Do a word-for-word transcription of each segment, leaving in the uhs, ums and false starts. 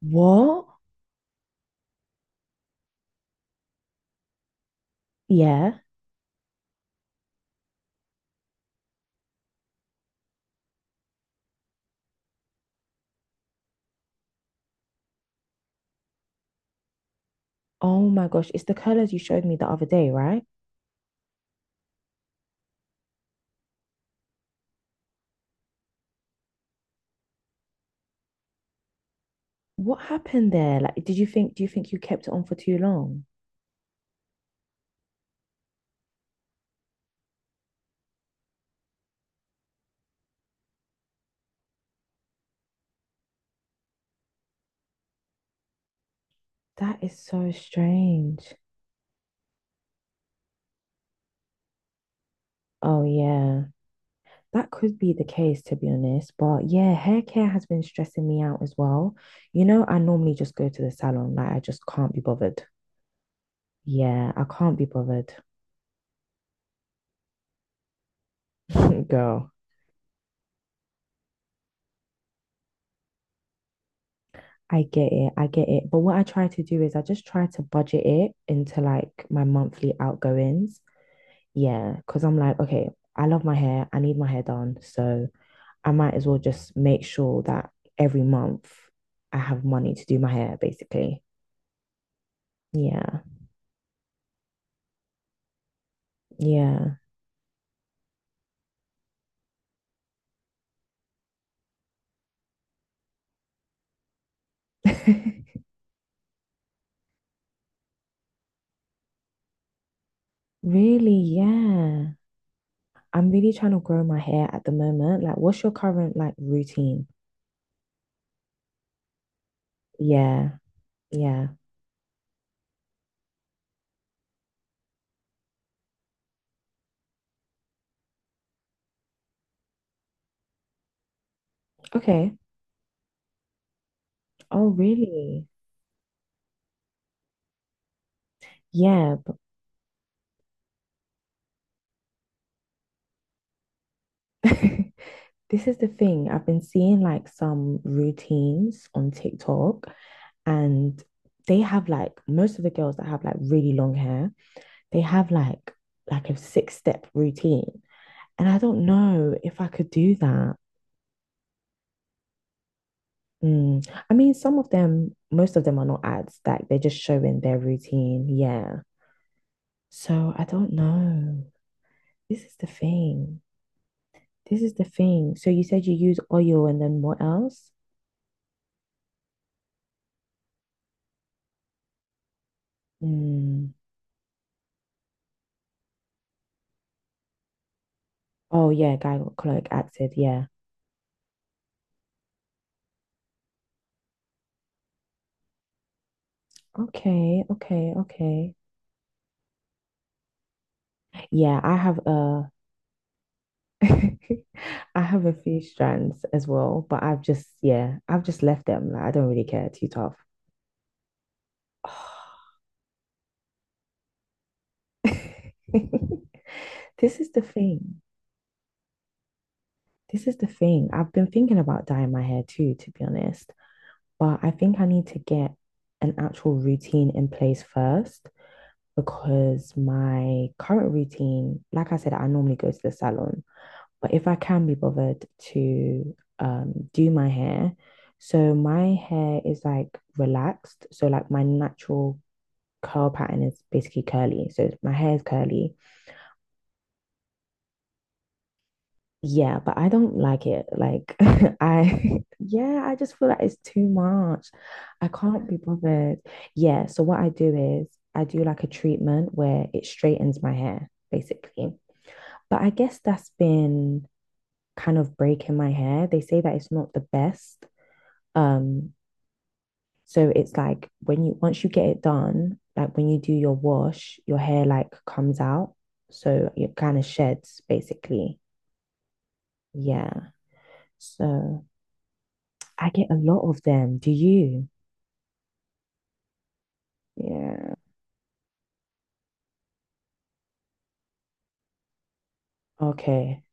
What? Yeah. Oh my gosh, it's the colors you showed me the other day, right? What happened there? Like, did you think, do you think you kept it on for too long? That is so strange. Oh yeah. That could be the case, to be honest. But yeah, hair care has been stressing me out as well. You know, I normally just go to the salon. Like, I just can't be bothered. Yeah, I can't be bothered. Girl, I get it. I get it. But what I try to do is I just try to budget it into like my monthly outgoings. Yeah, because I'm like, okay, I love my hair. I need my hair done. So I might as well just make sure that every month I have money to do my hair, basically. Yeah, yeah. Really, yeah. I'm really trying to grow my hair at the moment. Like, what's your current like routine? Yeah, yeah. Okay. Oh, really? Yeah. But this is the thing. I've been seeing like some routines on TikTok and they have like most of the girls that have like really long hair, they have like like a six step routine. And I don't know if I could do that. Mm. I mean, some of them, most of them are not ads, like they're just showing their routine. Yeah. So I don't know. This is the thing. This is the thing. So you said you use oil and then what else? Mm. Oh yeah, glycolic acid. Yeah. Okay, okay, okay. Yeah, I have a I have a few strands as well, but I've just, yeah, I've just left them. Like, I don't really care. Too tough. This is the thing. This is the thing. I've been thinking about dyeing my hair too, to be honest. But I think I need to get an actual routine in place first because my current routine, like I said, I normally go to the salon. But if I can be bothered to um, do my hair, so my hair is like relaxed. So like my natural curl pattern is basically curly. So my hair is curly. Yeah, but I don't like it. Like I yeah, I just feel like it's too much. I can't be bothered. Yeah, so what I do is I do like a treatment where it straightens my hair, basically. But I guess that's been kind of breaking my hair. They say that it's not the best. Um, so it's like when you once you get it done, like when you do your wash, your hair like comes out. So it kind of sheds basically. Yeah. So I get a lot of them. Do you? Yeah. Okay.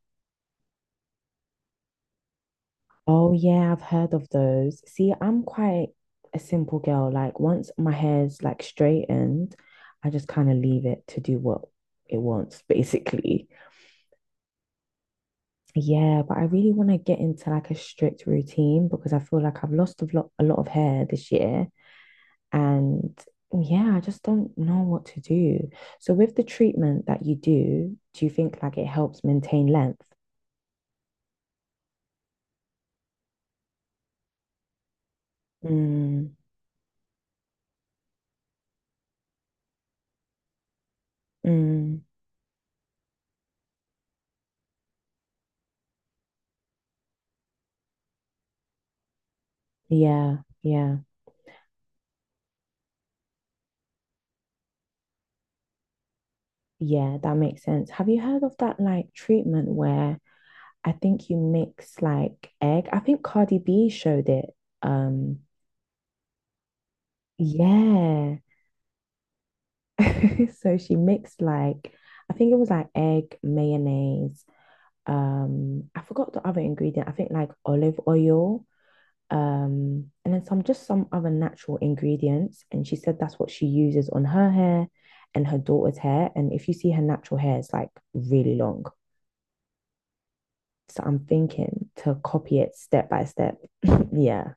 Oh yeah, I've heard of those. See, I'm quite a simple girl. Like once my hair's like straightened, I just kind of leave it to do what it wants, basically. Yeah, but I really want to get into like a strict routine because I feel like I've lost a lot, a lot of hair this year. And yeah, I just don't know what to do. So with the treatment that you do, do you think like it helps maintain length? Mm, mm, yeah, yeah, yeah, that makes sense. Have you heard of that like treatment where I think you mix like egg? I think Cardi B showed it. Um, yeah. So she mixed like I think it was like egg, mayonnaise, um, I forgot the other ingredient. I think like olive oil, um, and then some just some other natural ingredients. And she said that's what she uses on her hair and her daughter's hair. And if you see her natural hair, it's like really long. So I'm thinking to copy it step by step. Yeah.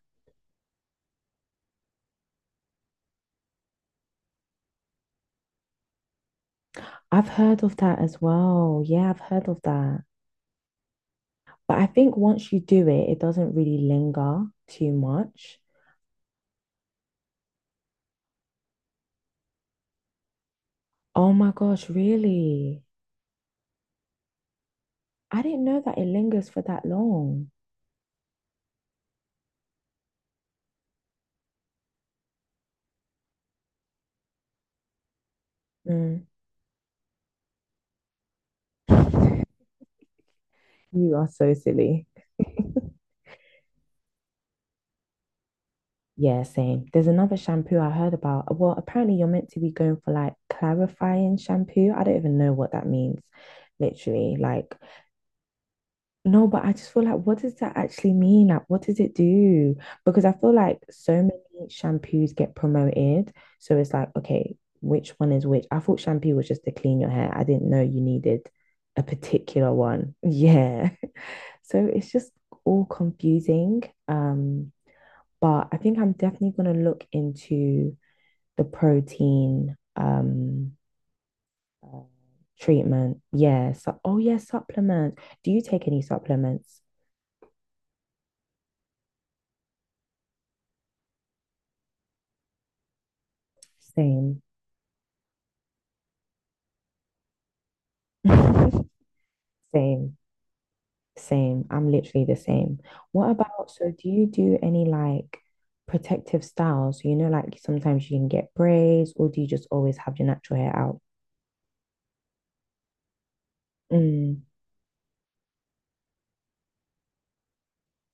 I've heard of that as well. Yeah, I've heard of that. But I think once you do it, it doesn't really linger too much. Oh my gosh, really? I didn't know that it lingers for that long. Mm. You are so silly. Yeah, same. There's another shampoo I heard about. Well, apparently you're meant to be going for like clarifying shampoo. I don't even know what that means, literally. Like No, but I just feel like, what does that actually mean? Like, what does it do? Because I feel like so many shampoos get promoted. So it's like, okay, which one is which? I thought shampoo was just to clean your hair. I didn't know you needed a particular one. Yeah. So it's just all confusing. Um, but I think I'm definitely going to look into the protein um uh, treatment. Yeah. So, oh yeah, supplements. Do you take any supplements? Same. Same, same. I'm literally the same. What about, so do you do any like protective styles? You know, like sometimes you can get braids, or do you just always have your natural hair out? Mm,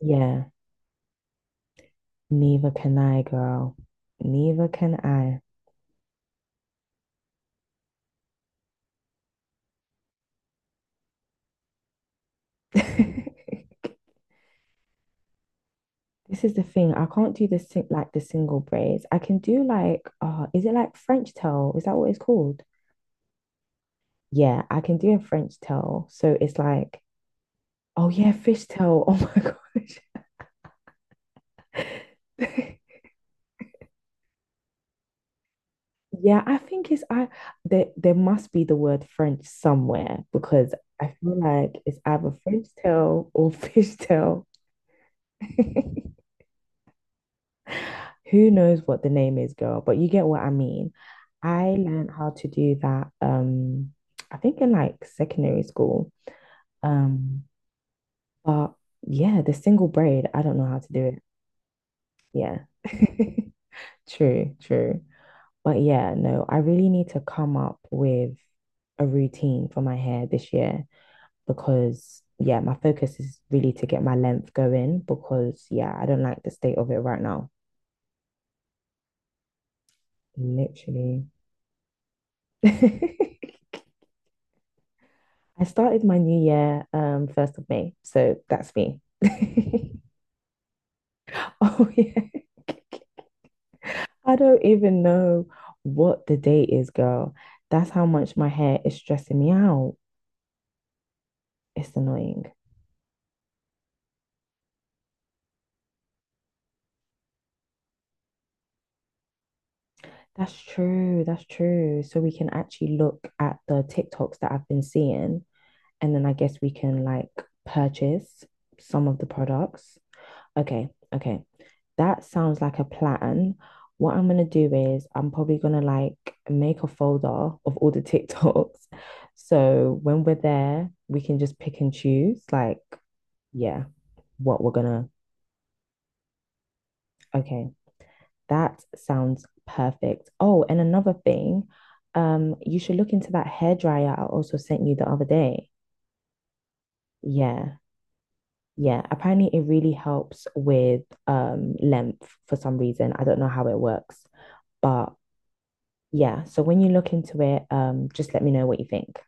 yeah, neither can I, girl. Neither can I. This is the thing. I can't do the sing like the single braids. I can do like, uh, is it like French tail? Is that what it's called? Yeah, I can do a French tail. So it's like, oh yeah, fish tail. Oh my gosh. Yeah, I think it's I there there must be the word French somewhere because I feel like it's either French tail or fish tail. Who knows what the name is, girl, but you get what I mean. I learned how to do that um I think in like secondary school. Um but yeah, the single braid, I don't know how to do it. Yeah. True, true. But yeah, no, I really need to come up with a routine for my hair this year because, yeah, my focus is really to get my length going because, yeah, I don't like the state of it right now. Literally. I started my new year um first of May, so that's me. Oh yeah. I don't even know what the date is, girl. That's how much my hair is stressing me out. It's annoying. That's true. That's true. So we can actually look at the TikToks that I've been seeing, and then I guess we can like purchase some of the products. Okay, okay. That sounds like a plan. What I'm gonna do is I'm probably gonna like make a folder of all the TikToks. So when we're there, we can just pick and choose, like, yeah, what we're gonna. Okay. That sounds perfect. Oh, and another thing, um, you should look into that hair dryer I also sent you the other day. Yeah, yeah. Apparently it really helps with um length for some reason. I don't know how it works, but yeah, so when you look into it, um, just let me know what you think.